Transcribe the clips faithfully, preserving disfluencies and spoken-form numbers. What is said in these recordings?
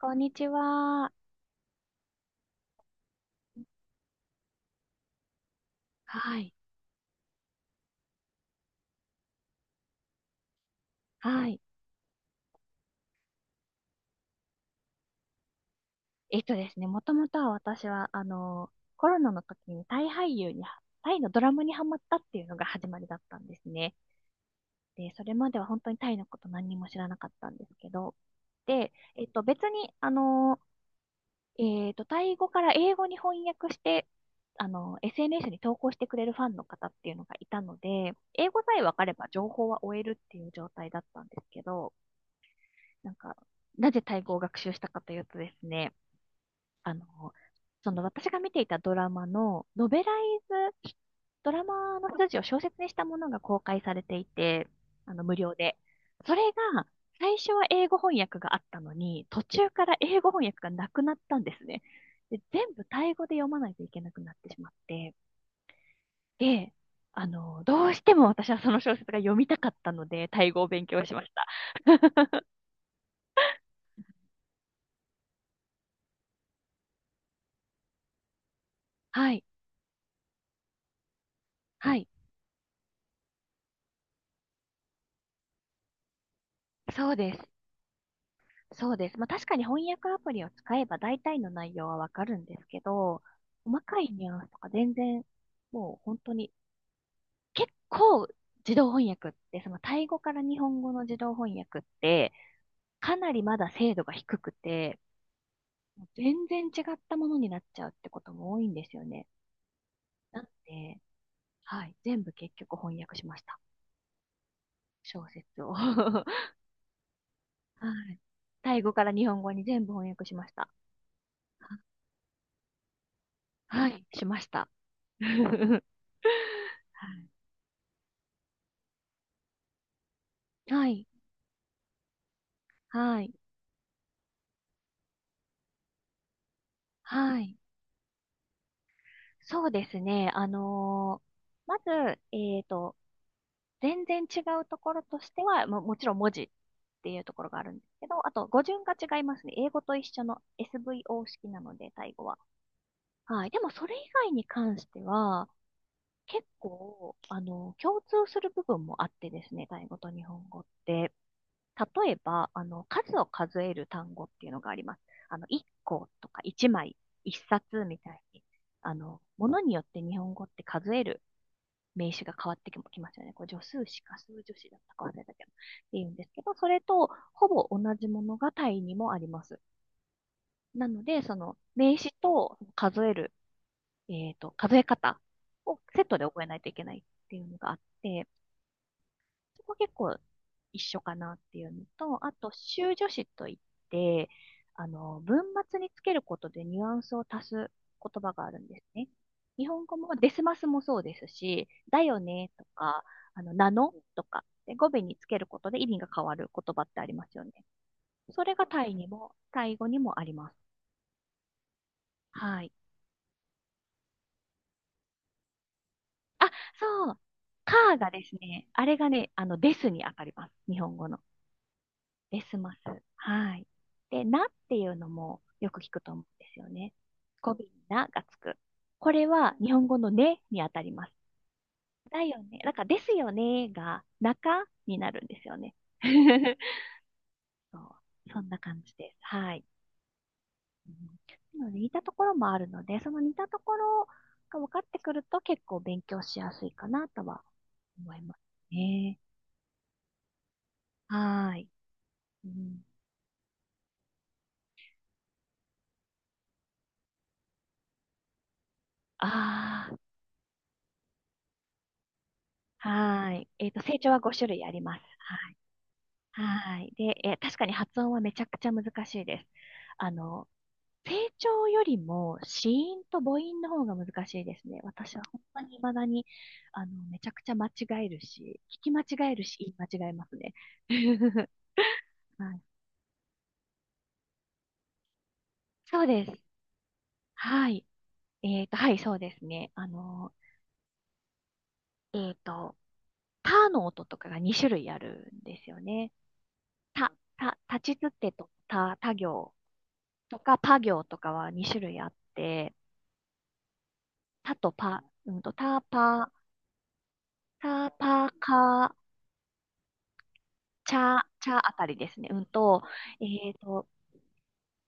こんにちは。はい。はい。えっとですね、もともとは私は、あの、コロナの時にタイ俳優に、タイのドラマにハマったっていうのが始まりだったんですね。で、それまでは本当にタイのこと何にも知らなかったんですけど、で、えっと、別に、あの、えっと、タイ語から英語に翻訳して、あの、エスエヌエス に投稿してくれるファンの方っていうのがいたので、英語さえ分かれば情報は追えるっていう状態だったんですけど、なんか、なぜタイ語を学習したかというとですね、あの、その私が見ていたドラマの、ノベライズ、ドラマの筋を小説にしたものが公開されていて、あの、無料で。それが、最初は英語翻訳があったのに、途中から英語翻訳がなくなったんですね。で、全部タイ語で読まないといけなくなってしまって、で、あの、どうしても私はその小説が読みたかったので、タイ語を勉強しました。はい、はい、そうです。そうです。まあ確かに翻訳アプリを使えば大体の内容はわかるんですけど、細かいニュアンスとか全然、もう本当に、結構自動翻訳って、そのタイ語から日本語の自動翻訳って、かなりまだ精度が低くて、全然違ったものになっちゃうってことも多いんですよね。なので、はい、全部結局翻訳しました。小説を。はい。タイ語から日本語に全部翻訳しました。はい、しました。はいはい、はい、はい。そうですね。あのーまず、えっと、全然違うところとしては、も、もちろん文字っていうところがあるんですけど、あと語順が違いますね。英語と一緒の エスブイオー 式なので、タイ語は。はい。でも、それ以外に関しては、結構、あの、共通する部分もあってですね、タイ語と日本語って。例えば、あの、数を数える単語っていうのがあります。あの、いっことかいちまい、いっさつみたいに、あの、ものによって日本語って数える名詞が変わってきますよね。これ、助数詞か数助詞だったか忘れたけど、っていうんですけど、それとほぼ同じものが単位にもあります。なので、その名詞と数える、えっと、数え方をセットで覚えないといけないっていうのがあって、そこ結構一緒かなっていうのと、あと、修助詞といって、あの、文末につけることでニュアンスを足す言葉があるんですね。日本語もデスマスもそうですし、だよねとか、あの、なのとか、で語尾につけることで意味が変わる言葉ってありますよね。それがタイにも、タイ語にもあります。はい。あ、そう。カーがですね、あれがね、あの、ですに当たります。日本語の。ベスマス。はい。で、なっていうのもよく聞くと思うんですよね。語尾にながつく。これは日本語のねにあたります。だよね。だからですよねが中になるんですよね。そうそんな感じです。はい。うん、なので似たところもあるので、その似たところが分かってくると結構勉強しやすいかなとは思いますね。はーい。うん、ああ、はーい。えっと、成長はご種類あります。はい。はい。で、えー、確かに発音はめちゃくちゃ難しいです。あの、声調よりも子音と母音の方が難しいですね。私は本当に未だに、あの、めちゃくちゃ間違えるし、聞き間違えるし、言い間違えますね。はい。そうです。はい。えっと、はい、そうですね。あの、えっと、たの音とかがに種類あるんですよね。た、た、たちつてとた、た行とか、ぱ行とかはに種類あって、タとパ、うんと、タパ、タパカ、チャ、チャあたりですね。うんと、えっと、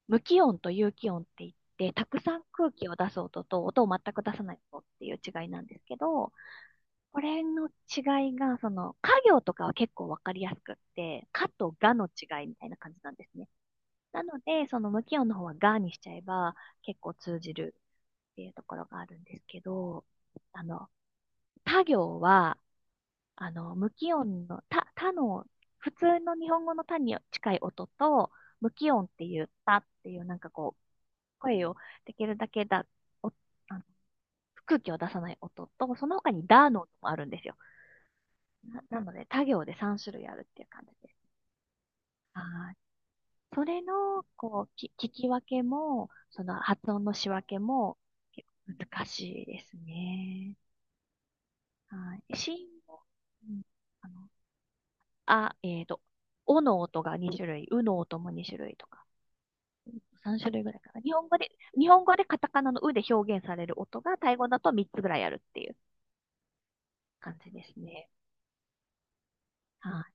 無気音と有気音って言って、たくさん空気を出す音と音を全く出さない音っていう違いなんですけど、これの違いが、その、家行とかは結構わかりやすくって、かとがの違いみたいな感じなんですね。なので、その無気音の方はがにしちゃえば結構通じるっていうところがあるんですけど、あの、他行は、あの、無気音の、た、たの、普通の日本語のたに近い音と、無気音っていう、たっていう、なんかこう、声をできるだけだ、お、あの、空気を出さない音と、その他にだの音もあるんですよ。な、なので、他行でさん種類あるっていう感じです。はい。それの、こう、き、聞き分けも、その発音の仕分けも、結構難しいですね。はい。子音も、うん、あの、あ、えっと、おの音がに種類、うの音もに種類とか、さん種類ぐらいかな。日本語で、日本語でカタカナのうで表現される音が、タイ語だとみっつぐらいあるっていう感じですね。はい。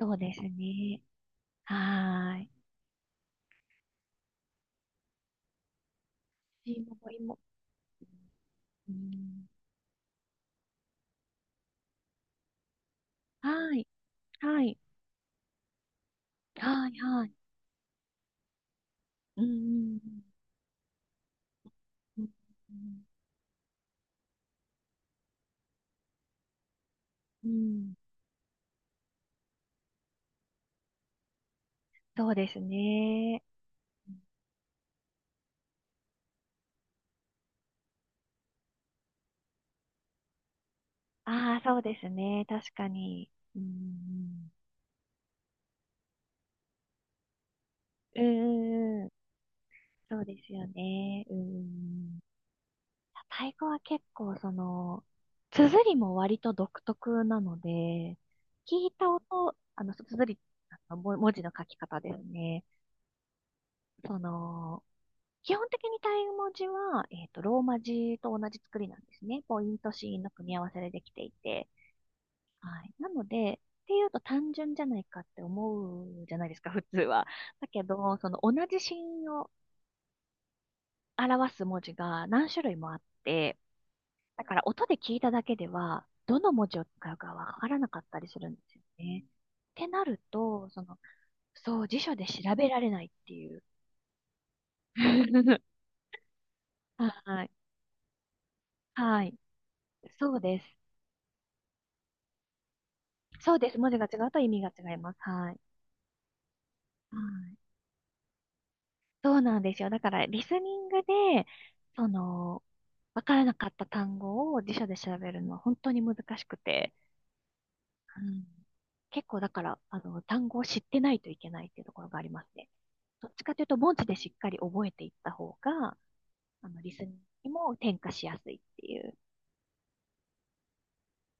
そうですね。はーい。いいもいいも。うん、はい。はい。はい。はい。うん。うん。うん。うん、そうですね。ああ、そうですね。確かに。うん。うん。うんうん、そうですよね。うん。タイ語は結構その、綴りも割と独特なので、聞いた音、あの、綴り、あのも文字の書き方ですね。その、基本的にタイ文字は、えっと、ローマ字と同じ作りなんですね。ポイントシーンの組み合わせでできていて。はい。なので、っていうと単純じゃないかって思うじゃないですか、普通は。だけど、その同じシーンを表す文字が何種類もあって、だから音で聞いただけでは、どの文字を使うかわからなかったりするんですよね。ってなると、その、そう、辞書で調べられないっていう。はい。はい。そうです。そうです。文字が違うと意味が違います。はい。はい。そうなんですよ。だから、リスニングで、その、わからなかった単語を辞書で調べるのは本当に難しくて、うん、結構だから、あの、単語を知ってないといけないっていうところがありますね。どっちかというと文字でしっかり覚えていった方が、あの、リスニングにも転化しやすいっていう。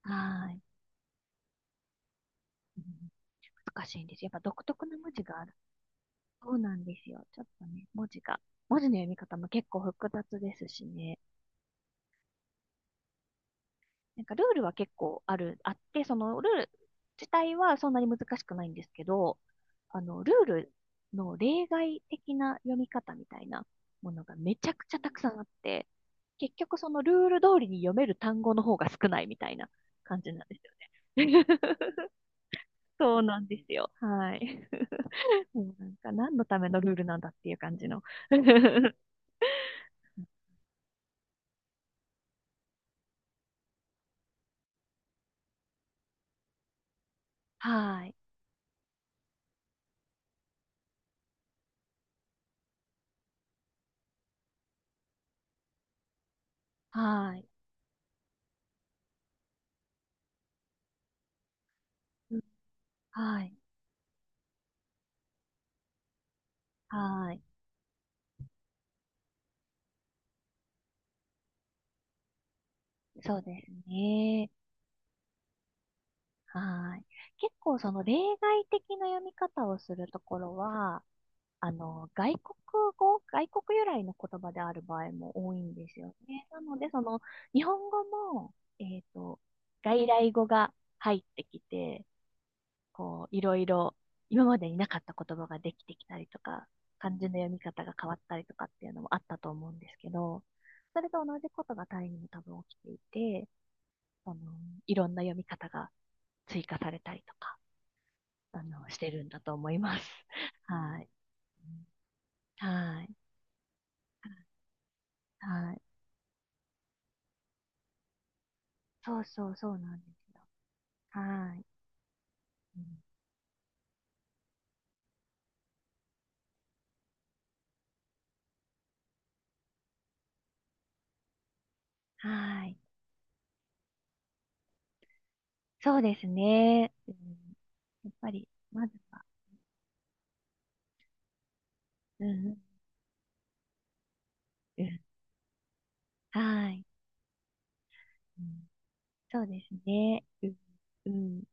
はーい。うん、難しいんですよ。やっぱ独特な文字がある。そうなんですよ。ちょっとね、文字が、文字の読み方も結構複雑ですしね。なんかルールは結構ある、あって、そのルール自体はそんなに難しくないんですけど、あの、ルールの例外的な読み方みたいなものがめちゃくちゃたくさんあって、結局そのルール通りに読める単語の方が少ないみたいな感じなんですよね。そうなんですよ。はい。もうなんか何のためのルールなんだっていう感じの。はい。はい。はい。はい。そうですね。はーい。結構その例外的な読み方をするところは、あの、外国語、外国由来の言葉である場合も多いんですよね。なので、その、日本語も、えっと、外来語が入ってきて、こう、いろいろ、今までになかった言葉ができてきたりとか、漢字の読み方が変わったりとかっていうのもあったと思うんですけど、それと同じことがタイにも多分起きていて、その、いろんな読み方が追加されたりとか、あの、してるんだと思います。はい。はい。はい。そうそう、そうなんですよ。はい。うん、はい。そうですね。うん、やっぱり、まずは、うん、うん、はい。うん、そうですね。うん、うん。